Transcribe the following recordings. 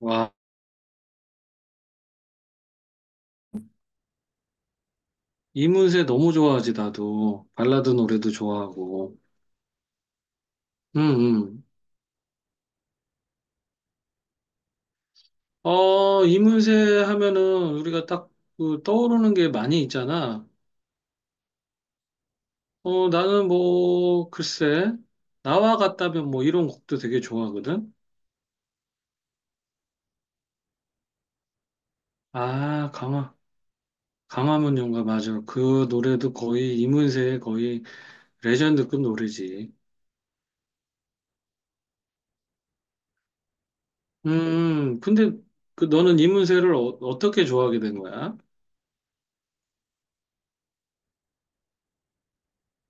와, 이문세 너무 좋아하지, 나도. 발라드 노래도 좋아하고. 음, 음. 이문세 하면은 우리가 딱그 떠오르는 게 많이 있잖아. 나는 뭐, 글쎄, 나와 같다면 뭐 이런 곡도 되게 좋아하거든. 아, 강화문 연가, 맞아. 그 노래도 거의 이문세의 거의 레전드급 노래지. 근데 그 너는 이문세를 떻게 좋아하게 된 거야?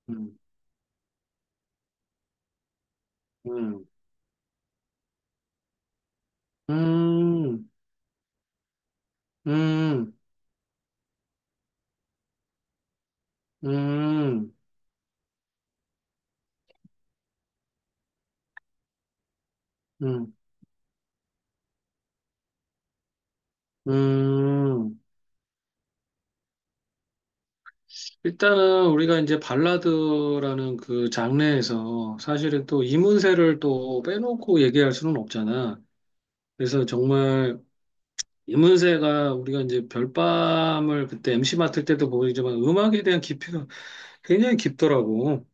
음, 음, 음. 음, 음, 음, 음. 일단은 우리가 이제 발라드라는 그 장르에서 사실은 또 이문세를 또 빼놓고 얘기할 수는 없잖아. 그래서 정말 이문세가 우리가 이제 별밤을 그때 MC 맡을 때도 보이지만 음악에 대한 깊이가 굉장히 깊더라고.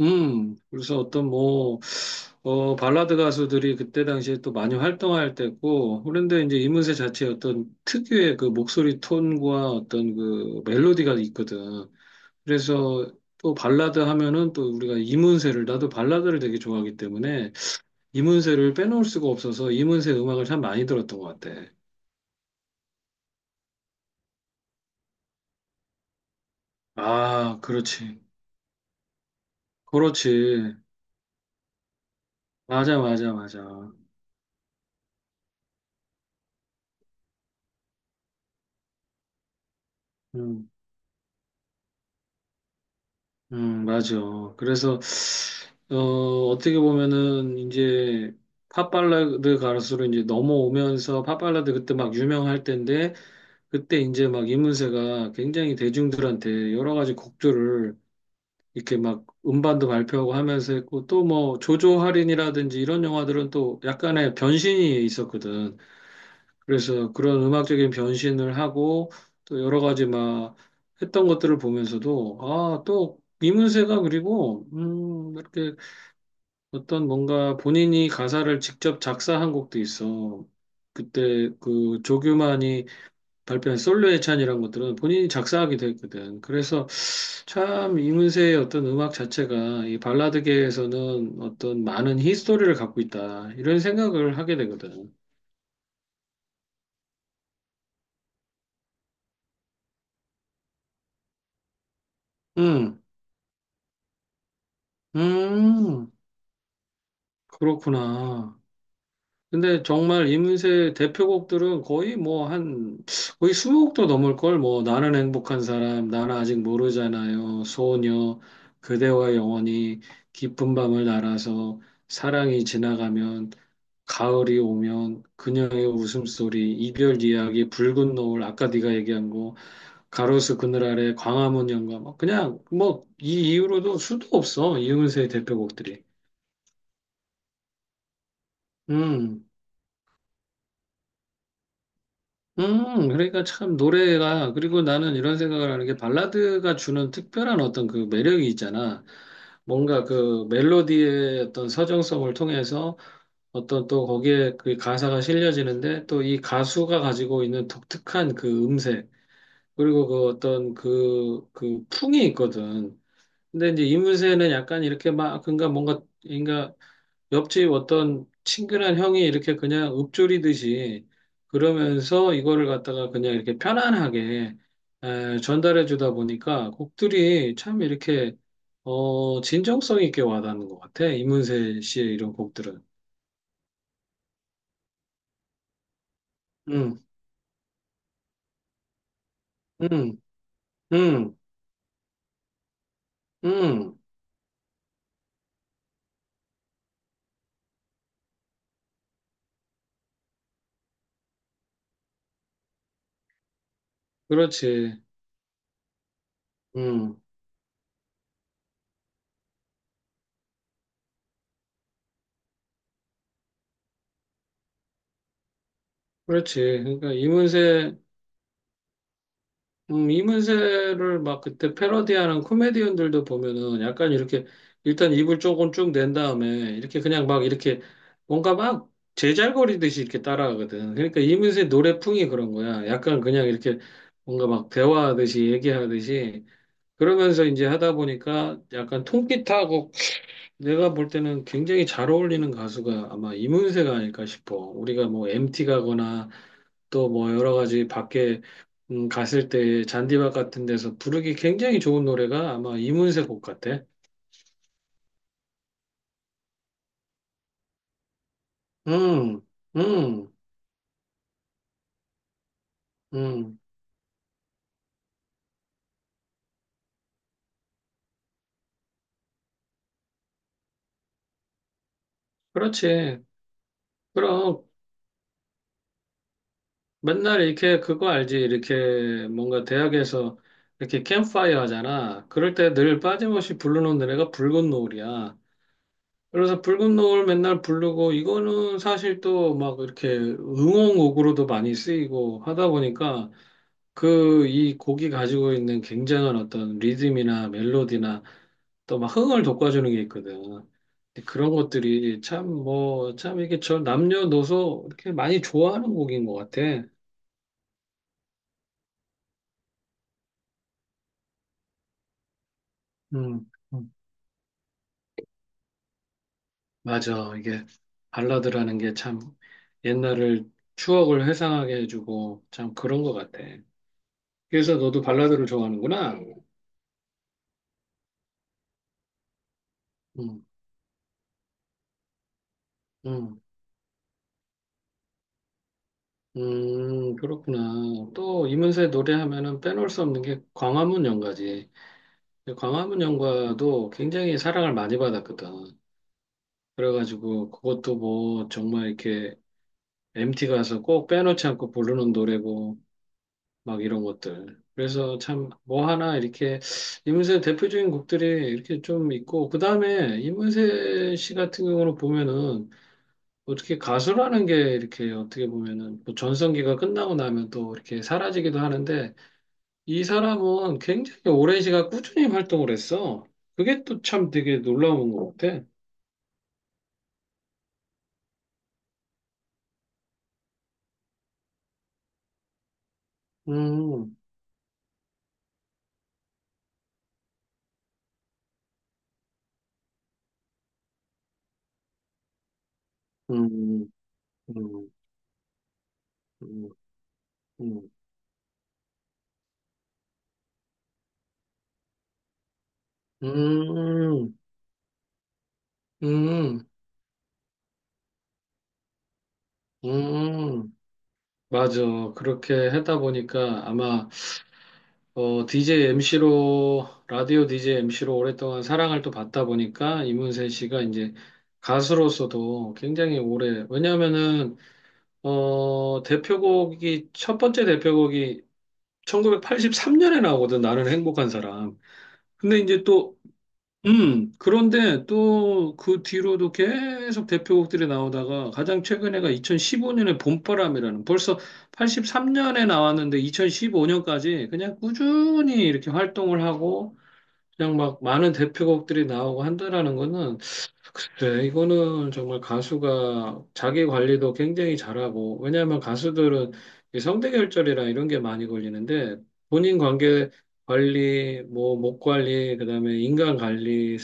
그래서 어떤 뭐, 발라드 가수들이 그때 당시에 또 많이 활동할 때고, 그런데 이제 이문세 자체의 어떤 특유의 그 목소리 톤과 어떤 그 멜로디가 있거든. 그래서 또 발라드 하면은 또 우리가 이문세를, 나도 발라드를 되게 좋아하기 때문에 이문세를 빼놓을 수가 없어서 이문세 음악을 참 많이 들었던 것 같아. 아, 그렇지. 그렇지. 맞아, 맞아, 맞아. 음. 맞아. 그래서, 어, 어떻게 보면은, 이제, 팝발라드 가수로 이제 넘어오면서, 팝발라드 그때 막 유명할 때인데, 그때 이제 막 이문세가 굉장히 대중들한테 여러 가지 곡들을 이렇게 막 음반도 발표하고 하면서 했고, 또 뭐, 조조 할인이라든지 이런 영화들은 또 약간의 변신이 있었거든. 그래서 그런 음악적인 변신을 하고 또 여러 가지 막 했던 것들을 보면서도 아, 또 이문세가 그리고 이렇게 어떤 뭔가 본인이 가사를 직접 작사한 곡도 있어. 그때 그 조규만이 발표한 솔로의 찬이란 것들은 본인이 작사하기도 했거든. 그래서 참 이문세의 어떤 음악 자체가 이 발라드계에서는 어떤 많은 히스토리를 갖고 있다. 이런 생각을 하게 되거든. 음. 음. 그렇구나. 근데 정말 이문세의 대표곡들은 거의 뭐 한, 거의 20곡도 넘을 걸, 뭐, 나는 행복한 사람, 나는 아직 모르잖아요, 소녀, 그대와 영원히, 깊은 밤을 날아서, 사랑이 지나가면, 가을이 오면, 그녀의 웃음소리, 이별 이야기, 붉은 노을, 아까 네가 얘기한 거, 가로수 그늘 아래, 광화문 연가, 뭐 그냥, 뭐, 이 이후로도 수도 없어, 이문세의 대표곡들이. 음. 그러니까 참 노래가, 그리고 나는 이런 생각을 하는 게 발라드가 주는 특별한 어떤 그 매력이 있잖아. 뭔가 그 멜로디의 어떤 서정성을 통해서 어떤 또 거기에 그 가사가 실려지는데 또 이 가수가 가지고 있는 독특한 그 음색, 그리고 그 어떤 그, 그 풍이 있거든. 근데 이제 이문세는 약간 이렇게 막, 그가니까 뭔가, 그러니까 옆집 어떤 친근한 형이 이렇게 그냥 읊조리듯이 그러면서 이거를 갖다가 그냥 이렇게 편안하게 전달해 주다 보니까 곡들이 참 이렇게 진정성 있게 와닿는 것 같아. 이문세 씨의 이런 곡들은. 음, 음, 음, 음, 그렇지. 음, 그렇지. 그러니까 이문세 이문세를 막 그때 패러디하는 코미디언들도 보면은 약간 이렇게 일단 입을 조금 쭉 낸 다음에 이렇게 그냥 막 이렇게 뭔가 막 제잘거리듯이 이렇게 따라하거든. 그러니까 이문세 노래풍이 그런 거야. 약간 그냥 이렇게 뭔가 막 대화하듯이 얘기하듯이 그러면서 이제 하다 보니까 약간 통기타하고 내가 볼 때는 굉장히 잘 어울리는 가수가 아마 이문세가 아닐까 싶어. 우리가 뭐 MT 가거나 또 뭐 여러 가지 밖에 갔을 때 잔디밭 같은 데서 부르기 굉장히 좋은 노래가 아마 이문세 곡 같아. 음, 음, 음. 그렇지. 그럼 맨날 이렇게 그거 알지? 이렇게 뭔가 대학에서 이렇게 캠프파이어 하잖아. 그럴 때 늘 빠짐없이 부르는 노래가 붉은 노을이야. 그래서 붉은 노을 맨날 부르고 이거는 사실 또 막 이렇게 응원곡으로도 많이 쓰이고 하다 보니까 그 이 곡이 가지고 있는 굉장한 어떤 리듬이나 멜로디나 또 막 흥을 돋궈주는 게 있거든. 근데 그런 것들이 참 뭐, 참 이게 저 남녀노소 이렇게 많이 좋아하는 곡인 것 같아. 음, 음. 맞아. 이게 발라드라는 게 참 옛날을 추억을 회상하게 해주고 참 그런 것 같아. 그래서 너도 발라드를 좋아하는구나. 음, 음, 그렇구나. 또 이문세 노래하면은 빼놓을 수 없는 게 광화문 연가지. 근데 광화문 연가도 굉장히 사랑을 많이 받았거든. 그래가지고 그것도 뭐 정말 이렇게 MT 가서 꼭 빼놓지 않고 부르는 노래고 막 이런 것들. 그래서 참 뭐 하나 이렇게 이문세 대표적인 곡들이 이렇게 좀 있고 그 다음에 이문세 씨 같은 경우는 보면은 어떻게 가수라는 게 이렇게 어떻게 보면은 뭐 전성기가 끝나고 나면 또 이렇게 사라지기도 하는데 이 사람은 굉장히 오랜 시간 꾸준히 활동을 했어. 그게 또 참 되게 놀라운 것 같아. 음, 음, 음, 음, 음, 음, 음, 음. 맞아. 그렇게 하다 보니까 아마 DJ MC로 라디오 DJ MC로 오랫동안 사랑을 또 받다 보니까 이문세 씨가 이제 가수로서도 굉장히 오래 왜냐하면은 첫 번째 대표곡이 1983년에 나오거든, 나는 행복한 사람. 근데 이제 또, 그런데 또 그 뒤로도 계속 대표곡들이 나오다가 가장 최근에가 2015년에 봄바람이라는 벌써 83년에 나왔는데 2015년까지 그냥 꾸준히 이렇게 활동을 하고 그냥 막 많은 대표곡들이 나오고 한다라는 거는 그래, 이거는 정말 가수가 자기 관리도 굉장히 잘하고, 왜냐하면 가수들은 이 성대결절이랑 이런 게 많이 걸리는데, 본인 관계 관리, 뭐, 목 관리, 그다음에 인간 관리,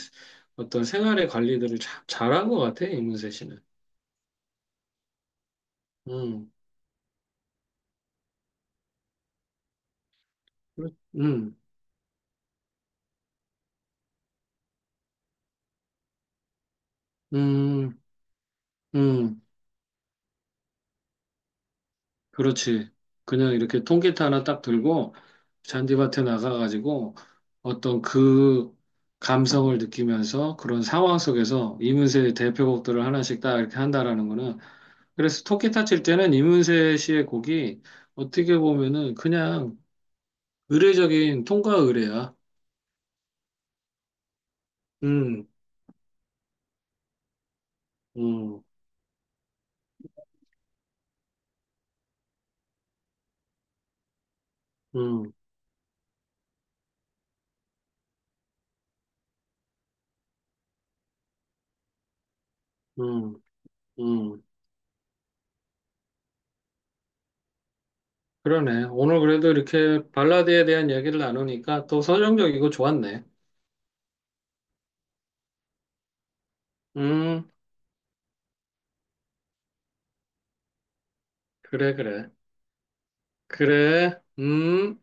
어떤 생활의 관리들을 참 잘한 것 같아, 이문세 씨는. 음, 음, 음, 음. 그렇지. 그냥 이렇게 통기타 하나 딱 들고 잔디밭에 나가가지고 어떤 그 감성을 느끼면서 그런 상황 속에서 이문세의 대표곡들을 하나씩 딱 이렇게 한다라는 거는 그래서 통기타 칠 때는 이문세 씨의 곡이 어떻게 보면은 그냥 의례적인 통과 의례야. 음, 음, 음, 음, 음. 그러네. 오늘 그래도 이렇게 발라드에 대한 얘기를 나누니까 또 서정적이고 좋았네. 음, 그래, 그래. 그래.